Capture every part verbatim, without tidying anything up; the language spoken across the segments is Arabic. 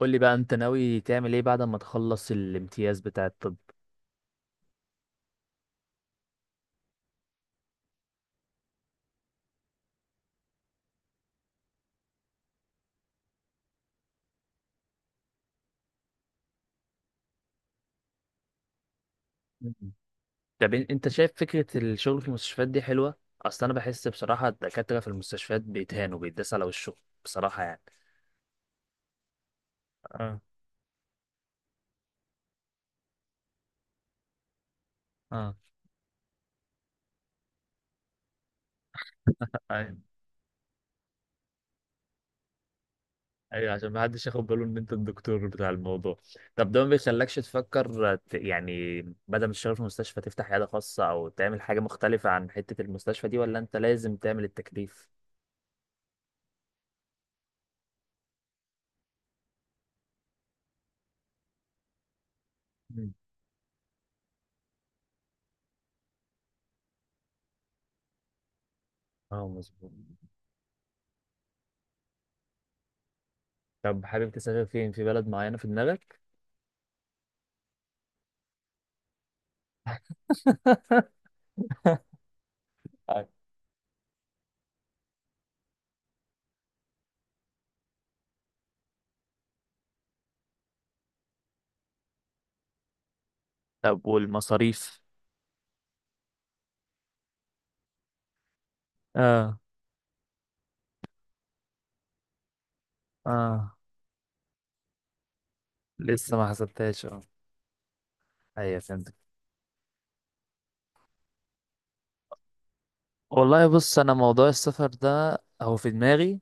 قول لي بقى انت ناوي تعمل ايه بعد ما تخلص الامتياز بتاع الطب؟ مم. طب ان- انت شايف فكرة الشغل في المستشفيات دي حلوة؟ اصل انا بحس بصراحة الدكاترة في المستشفيات بيتهانوا بيتداس على وشهم، بصراحة يعني. اه. اه. ايوه، ايوه عشان ما حدش ياخد باله ان انت الدكتور بتاع الموضوع. طب ده ما بيخلكش تفكر ت- يعني بدل ما تشتغل في مستشفى تفتح عياده خاصه او تعمل حاجه مختلفه عن حته المستشفى دي، ولا انت لازم تعمل التكليف؟ مم. اه، مظبوط. طب حابب تسافر فين؟ في بلد معينه في دماغك؟ أيوة. طب والمصاريف؟ اه. اه. لسه ما حسبتهاش، اه. ايوه، فهمتك. والله بص، انا موضوع السفر ده هو في دماغي،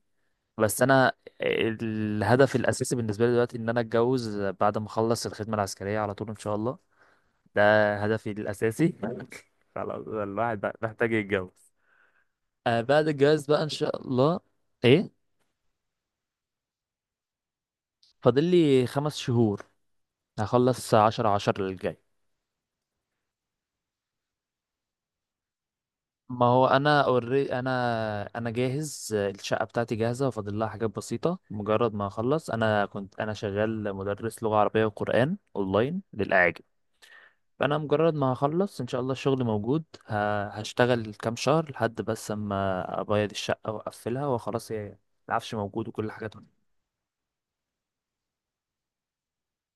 بس انا الهدف الاساسي بالنسبه لي دلوقتي ان انا اتجوز بعد ما اخلص الخدمه العسكريه على طول ان شاء الله. ده هدفي الاساسي. خلاص، الواحد بقى محتاج يتجوز. آه، بعد الجواز بقى ان شاء الله. ايه؟ فاضل لي خمس شهور. هخلص عشرة عشرة اللي جاي. ما هو انا اوري، انا انا جاهز، الشقه بتاعتي جاهزه، وفاضل لها حاجات بسيطه مجرد ما اخلص. انا كنت انا شغال مدرس لغه عربيه وقران اونلاين للاعاجم، فانا مجرد ما هخلص ان شاء الله الشغل موجود، ه- هشتغل كام شهر لحد بس اما ابيض الشقه واقفلها وخلاص. هي العفش موجود وكل حاجه تمام.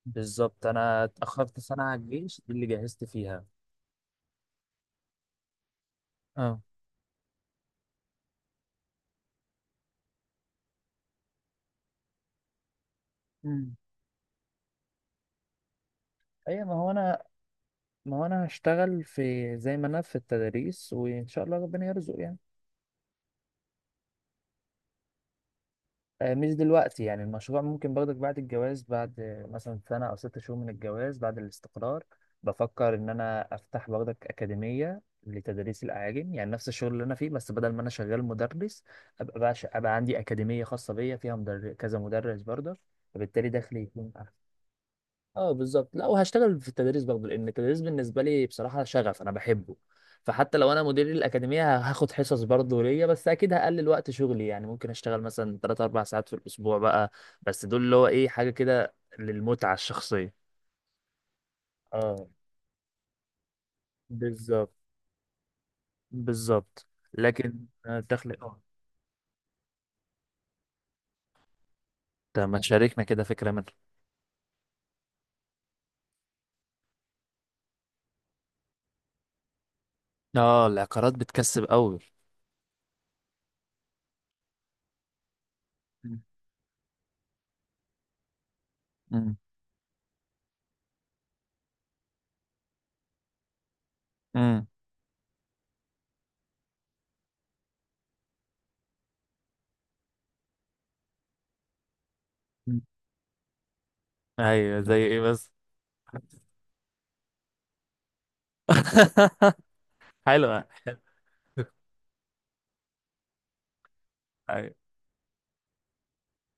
بالظبط، انا اتاخرت سنه على الجيش دي اللي جهزت فيها. اه. امم. ايوه، ما هو انا ما هو انا هشتغل في زي ما انا في التدريس، وان شاء الله ربنا يرزق يعني. آه، مش دلوقتي يعني، المشروع ممكن باخدك بعد الجواز، بعد آه، مثلا سنة أو ست شهور من الجواز بعد الاستقرار. بفكر إن أنا أفتح باخدك أكاديمية لتدريس الأعاجم، يعني نفس الشغل اللي أنا فيه، بس بدل ما أنا شغال مدرس أبقى بقى، ش- أبقى عندي أكاديمية خاصة بيا فيها مدر... كذا مدرس برضه، فبالتالي دخلي يكون أحسن. اه، بالظبط. لا، وهشتغل في التدريس برضه لان التدريس بالنسبه لي بصراحه شغف، انا بحبه. فحتى لو انا مدير الاكاديميه هاخد حصص برضه ليا، بس اكيد هقلل وقت شغلي، يعني ممكن اشتغل مثلا تلات اربع ساعات في الاسبوع بقى. بس دول اللي هو ايه، حاجه كده للمتعه الشخصيه. اه، بالظبط، بالظبط. لكن آه، الدخل، اه. طب ما تشاركنا كده فكره منها. اه، العقارات بتكسب قوي. امم. امم. ايوه، زي ايه بس؟ حلوه.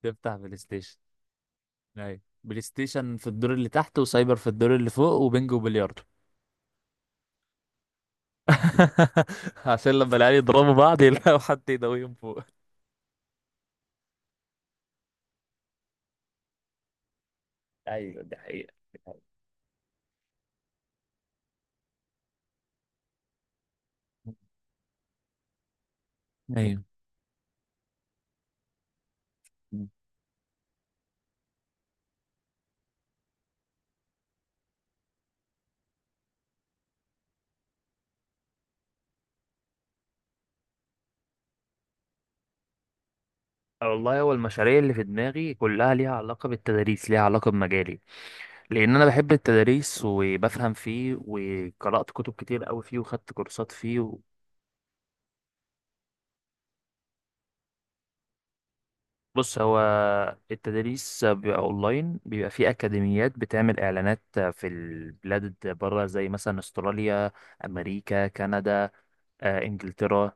تفتح بلاي ستيشن؟ ايوه، بلاي ستيشن في الدور اللي تحت، وسايبر في الدور اللي فوق، وبنجو وبلياردو. عشان لما العيال يضربوا بعض يلاقوا حد يداويهم فوق. ايوه دي حقيقة، دي حقيقة. ايوه، والله هو المشاريع اللي في دماغي كلها ليها علاقة بالتدريس، ليها علاقة بمجالي، لأن أنا بحب التدريس وبفهم فيه وقرأت كتب كتير أوي فيه وخدت كورسات فيه. بص، هو التدريس بيبقى اونلاين، بيبقى في اكاديميات بتعمل اعلانات في البلاد بره، زي مثلا استراليا، امريكا، كندا، آه، انجلترا.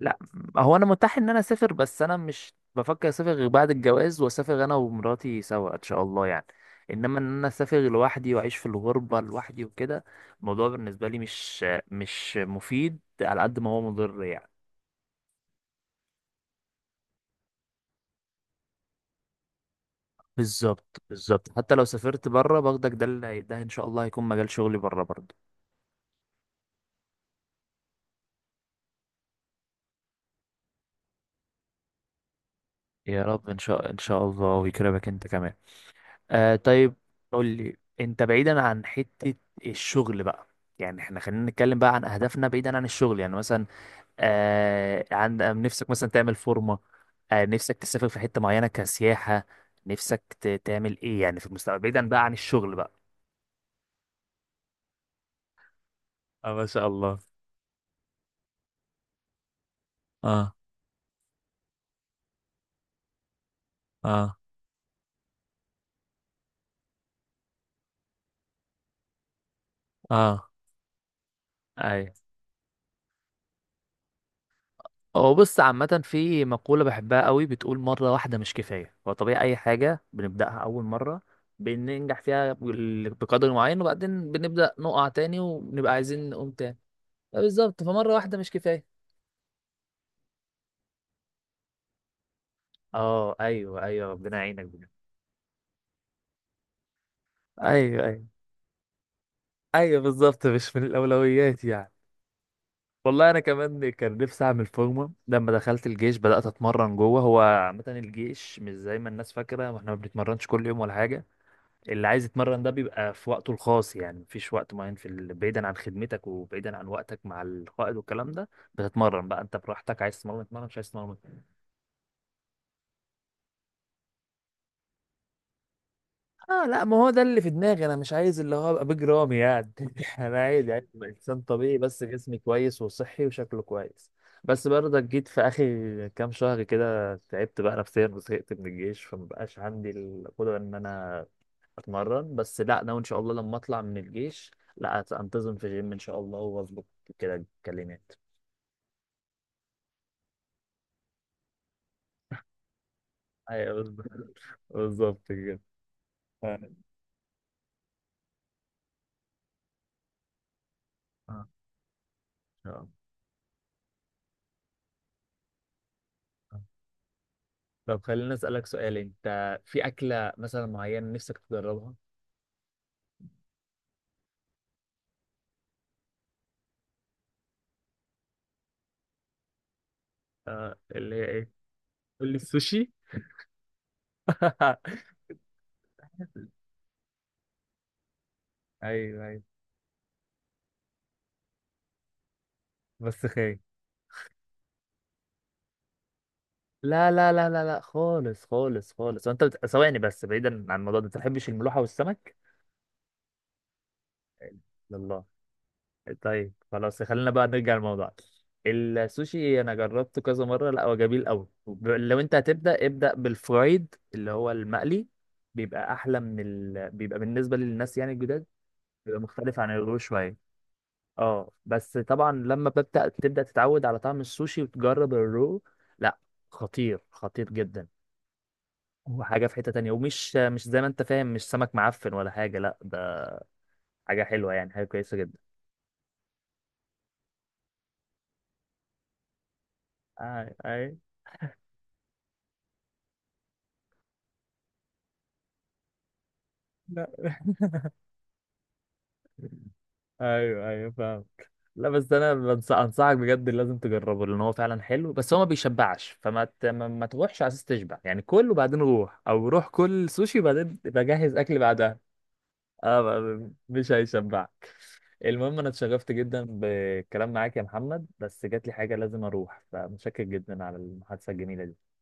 لا، هو انا متاح ان انا اسافر، بس انا مش بفكر اسافر غير بعد الجواز، واسافر انا ومراتي سوا ان شاء الله يعني. انما ان انا اسافر لوحدي واعيش في الغربه لوحدي وكده، الموضوع بالنسبه لي مش مش مفيد على قد ما هو مضر يعني. بالظبط، بالظبط، حتى لو سافرت بره باخدك ده اللي هي- ده ان شاء الله هيكون مجال شغلي بره برضه. يا رب، ان شاء ان شاء الله، ويكرمك انت كمان. آه، طيب. قول لي انت، بعيدا عن حتة الشغل بقى، يعني احنا خلينا نتكلم بقى عن اهدافنا بعيدا عن الشغل. يعني مثلا، آه عند آه، نفسك مثلا تعمل فورمة؟ آه نفسك تسافر في حتة معينة كسياحة؟ نفسك ت- تعمل ايه يعني في المستقبل، بعيدا بقى عن الشغل بقى؟ اه، ما شاء الله. اه. اه. اه. اي. هو بص، عامة في مقولة بحبها قوي بتقول مرة واحدة مش كفاية. هو طبيعي أي حاجة بنبدأها أول مرة بننجح فيها بال- بقدر معين، وبعدين بنبدأ نقع تاني وبنبقى عايزين نقوم تاني. بالظبط، فمرة واحدة مش كفاية. اه، ايوه، ايوه، ربنا يعينك بجد. ايوه، ايوه، ايوه، بالظبط، مش من الاولويات يعني. والله انا كمان كان نفسي اعمل فورمه لما دخلت الجيش، بدات اتمرن جوه. هو عامه الجيش مش زي ما الناس فاكره، واحنا ما بنتمرنش كل يوم ولا حاجه. اللي عايز يتمرن ده بيبقى في وقته الخاص، يعني مفيش وقت معين في ال... بعيدا عن خدمتك وبعيدا عن وقتك مع القائد والكلام ده. بتتمرن بقى انت براحتك، عايز تتمرن تتمرن، مش عايز تتمرن. اه، لا، ما هو ده اللي في دماغي، انا مش عايز اللي هو ابقى بيج رامي يعني. انا عايز يعني أبقى انسان طبيعي بس جسمي كويس وصحي وشكله كويس. بس برضك جيت في اخر كام شهر كده، تعبت بقى نفسيا وزهقت من الجيش، فمبقاش عندي القدرة ان انا اتمرن. بس لا، انا ان شاء الله لما اطلع من الجيش لا انتظم في جيم ان شاء الله، واظبط كده الكلمات. ايوه، بالظبط. بالظبط كده. اه. آه، إن شاء الله. طب خليني اسالك سؤال، انت في اكله مثلا معينه نفسك تجربها؟ آه، اللي هي ايه؟ قول لي. السوشي؟ ايوه، ايوه. بس خير. لا، لا، لا، لا، لا، خالص، خالص، خالص. وانت بت... ثواني بس، بعيدا عن الموضوع ده، انت ما بتحبش الملوحه والسمك؟ لا؟ طيب، خلاص، خلينا بقى نرجع للموضوع. السوشي انا جربته كذا مره، لا، هو جميل قوي. لو انت هتبدا، ابدا بالفرايد اللي هو المقلي، بيبقى احلى من ال... بيبقى بالنسبه للناس يعني الجداد، بيبقى مختلف عن الرو شويه. اه، بس طبعا لما ببدا تبدا تتعود على طعم السوشي وتجرب الرو، لا، خطير، خطير جدا. هو حاجه في حته تانية، ومش مش زي ما انت فاهم، مش سمك معفن ولا حاجه، لا، ده حاجه حلوه يعني، حاجه كويسه جدا. اي، اي. لا. ايوه، ايوه، فاهم. لا، بس انا بنص- انصحك بجد، لازم تجربه، لان هو فعلا حلو، بس هو ما بيشبعش، فما ت... ما ما تروحش على اساس تشبع يعني. كل وبعدين روح، او روح كل سوشي وبعدين تبقى جهز اكل بعدها. اه، ما- مش هيشبعك. المهم انا اتشرفت جدا بالكلام معاك يا محمد، بس جات لي حاجه لازم اروح، فمتشكر جدا على المحادثه الجميله دي.